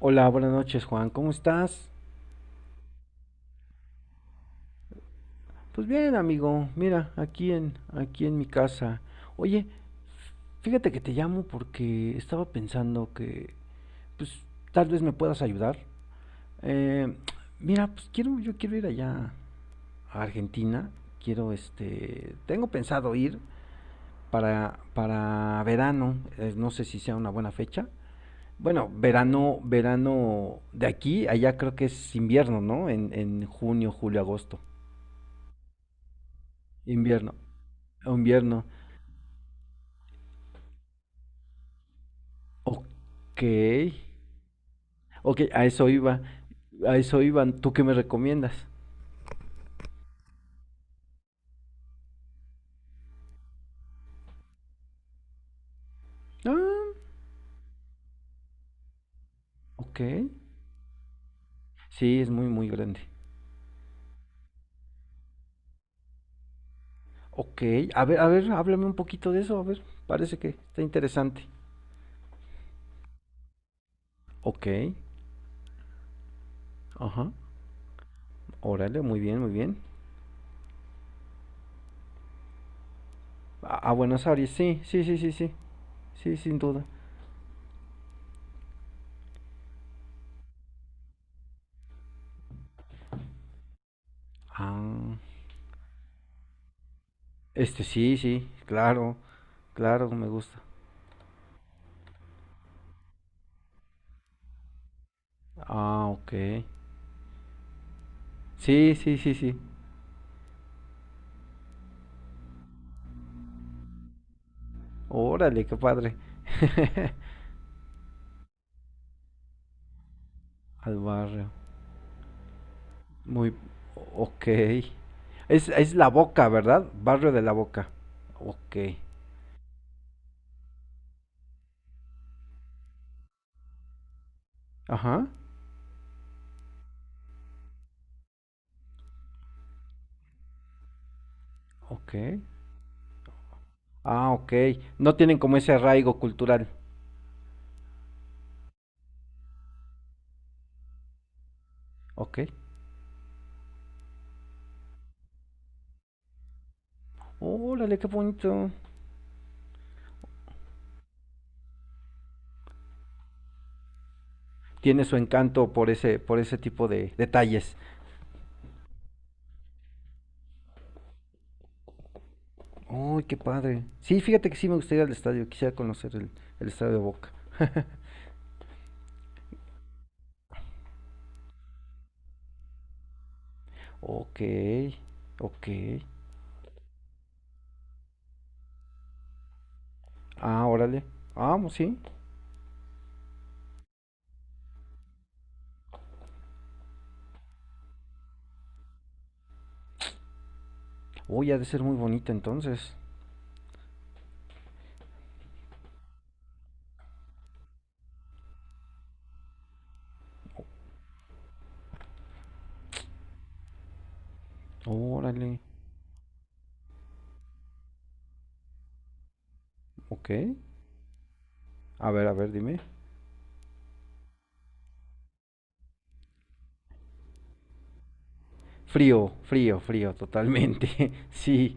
Hola, buenas noches, Juan. ¿Cómo estás? Pues bien, amigo. Mira, aquí en mi casa. Oye, fíjate que te llamo porque estaba pensando que pues tal vez me puedas ayudar. Eh, mira, pues quiero yo quiero ir allá a Argentina. Quiero este, tengo pensado ir para verano. No sé si sea una buena fecha. Bueno, verano, verano de aquí, allá creo que es invierno, ¿no? En junio, julio, agosto. Invierno, invierno. Ok, ok, a eso iba, a eso iban. ¿Tú qué me recomiendas? Ah, ok, sí, es muy, muy grande. Ok, a ver, háblame un poquito de eso, a ver, parece que está interesante. Ok, ajá, órale, muy bien, muy bien. A Buenos Aires, sí, sí, sí, sí, sí, sí, sin duda. Ah, este sí, sí, claro, claro, me gusta. Ah, ok. Sí, sí, sí, sí. Órale, qué padre. Al barrio. Muy... Ok. Es La Boca, ¿verdad? Barrio de La Boca. Ok. Ajá. Ok. Ah, ok. No tienen como ese arraigo cultural. Ok. Órale, qué bonito. Tiene su encanto por ese tipo de detalles. Uy, qué padre. Sí, fíjate que sí me gustaría ir al estadio. Quisiera conocer el estadio de Boca. Ok. Ok. Ah, órale. Ah, pues sí. Uy, ha de ser muy bonita entonces. Órale. Ok. A ver, dime. Frío, frío, frío, totalmente. Sí.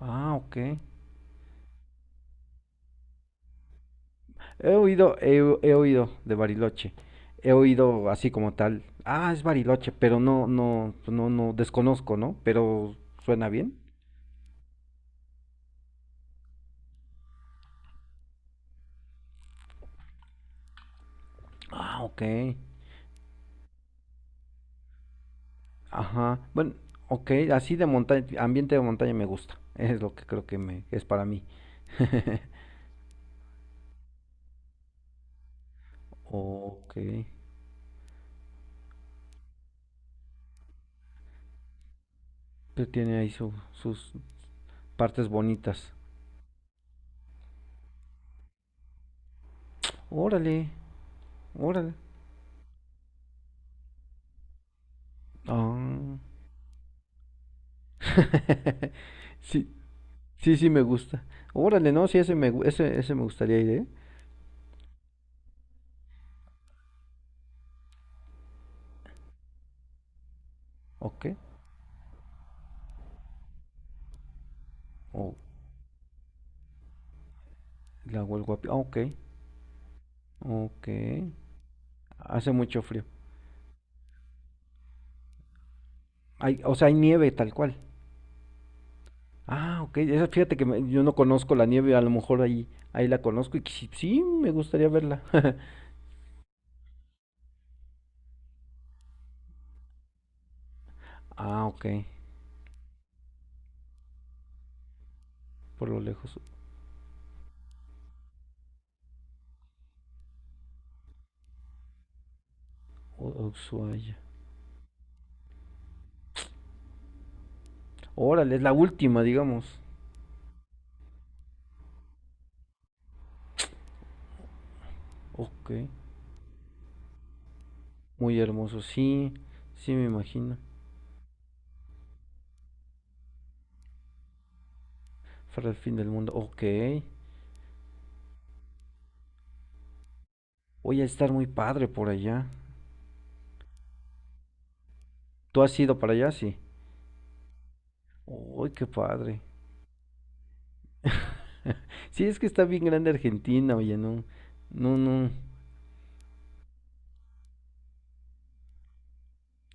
Ah, ok. He oído, he, he oído de Bariloche. He oído así como tal. Ah, es Bariloche, pero no, no, no, no, desconozco, ¿no? Pero suena bien. Ah, ok. Ajá. Bueno, ok, así de montaña, ambiente de montaña me gusta. Es lo que creo que me, es para mí. Ok. Pero tiene ahí sus partes bonitas. Órale, órale. Ah. Sí, sí, sí me gusta. Órale, no, sí, ese me, ese me gustaría ir, ¿eh? Ok. O le hago el guapi. Ah, ok, ok. Hace mucho frío. Hay, o sea, hay nieve tal cual. Ah, ok. Fíjate que yo no conozco la nieve, a lo mejor ahí, ahí la conozco y sí, sí me gustaría verla. Ah, ok. Por lo lejos. Ushuaia. Órale, es la última, digamos. Ok. Muy hermoso, sí, sí me imagino. Para el fin del mundo, ok. Voy a estar muy padre por allá. ¿Tú has ido para allá? Sí. Uy, qué padre. Sí, es que está bien grande Argentina, oye, no, no, no.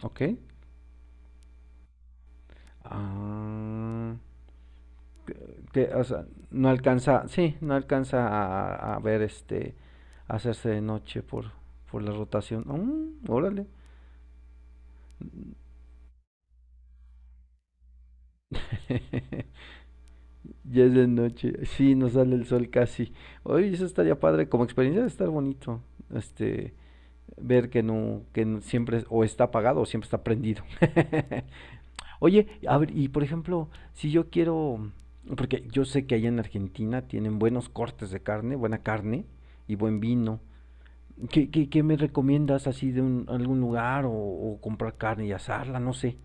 Ok. Ah, que, o sea, no alcanza, sí, no alcanza a ver este, hacerse de noche por la rotación. Mm, órale. Ya es de noche. Sí, no sale el sol casi. Oye, eso estaría padre. Como experiencia de estar bonito. Este, ver que no, siempre o está apagado o siempre está prendido. Oye, a ver, y por ejemplo, si yo quiero, porque yo sé que allá en Argentina tienen buenos cortes de carne, buena carne y buen vino. ¿Qué, qué, qué me recomiendas así de un, algún lugar o comprar carne y asarla? No sé.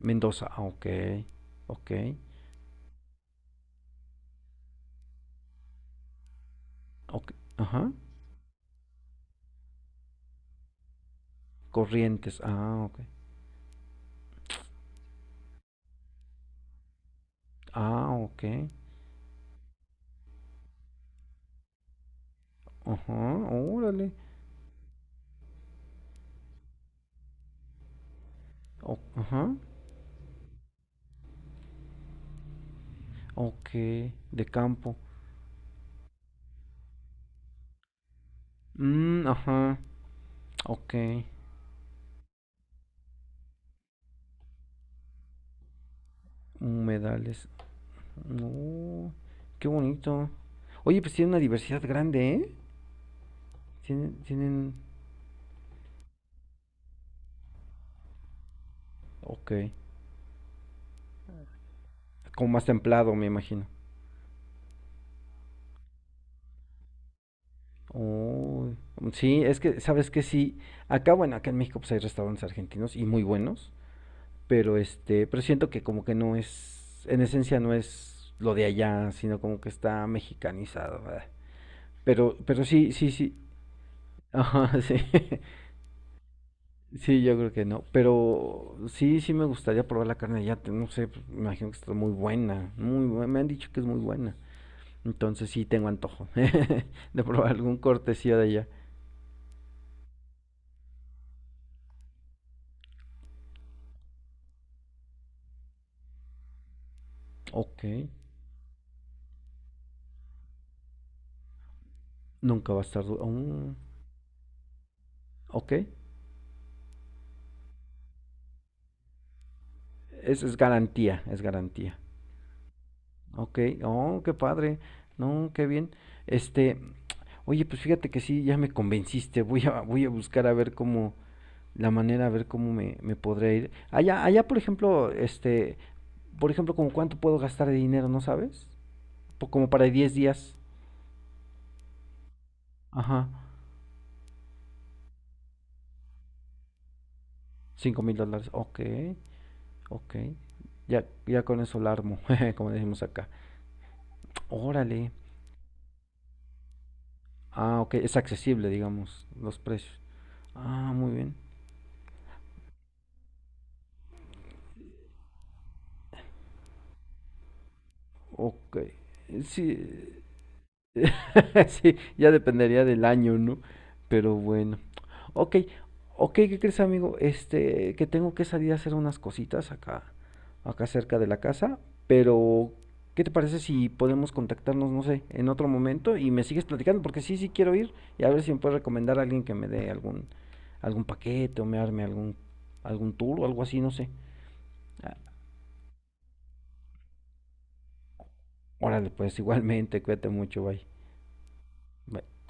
Mendoza, ah, ok, ok, ok, ajá. Corrientes, ah, ok. Ah, ok. Ajá, órale. Ajá. Ok, de campo. Mm, ajá. Ok. Humedales. No, qué bonito. Oye, pues tienen una diversidad grande, ¿eh? Tienen, tienen... Ok. Como más templado, me imagino. Uy, sí, es que, ¿sabes que sí, acá, bueno, acá en México pues hay restaurantes argentinos y muy buenos? Pero este, pero siento que como que no es, en esencia no es lo de allá, sino como que está mexicanizado, ¿verdad? Pero sí, sí, sí. Ajá, sí. Sí, yo creo que no. Pero sí, sí me gustaría probar la carne de allá. No sé, pues, me imagino que está muy buena. Muy buena. Me han dicho que es muy buena. Entonces sí tengo antojo de probar algún cortesía de allá. Ok. Nunca va a estar. Mm, ok. Es garantía, es garantía. Ok, oh, qué padre, no, qué bien. Este, oye, pues fíjate que sí, ya me convenciste, voy a, voy a buscar a ver cómo, la manera, a ver cómo me, me podré ir. Allá, allá, por ejemplo, este, por ejemplo, como cuánto puedo gastar de dinero, ¿no sabes? Como para 10 días. Ajá, $5,000, ok, ok. Ya, ya con eso la armo, jeje, como decimos acá. Órale. Ah, ok, es accesible, digamos, los precios. Ah, muy bien. Ok. Sí, sí, ya dependería del año, ¿no? Pero bueno. Ok, ok, ¿qué crees, amigo? Este, que tengo que salir a hacer unas cositas acá, acá cerca de la casa, pero ¿qué te parece si podemos contactarnos, no sé, en otro momento y me sigues platicando? Porque sí, sí quiero ir y a ver si me puedes recomendar a alguien que me dé algún, algún paquete o me arme algún, algún tour o algo así, no sé. Ah, órale, pues igualmente, cuídate mucho, bye. Bye.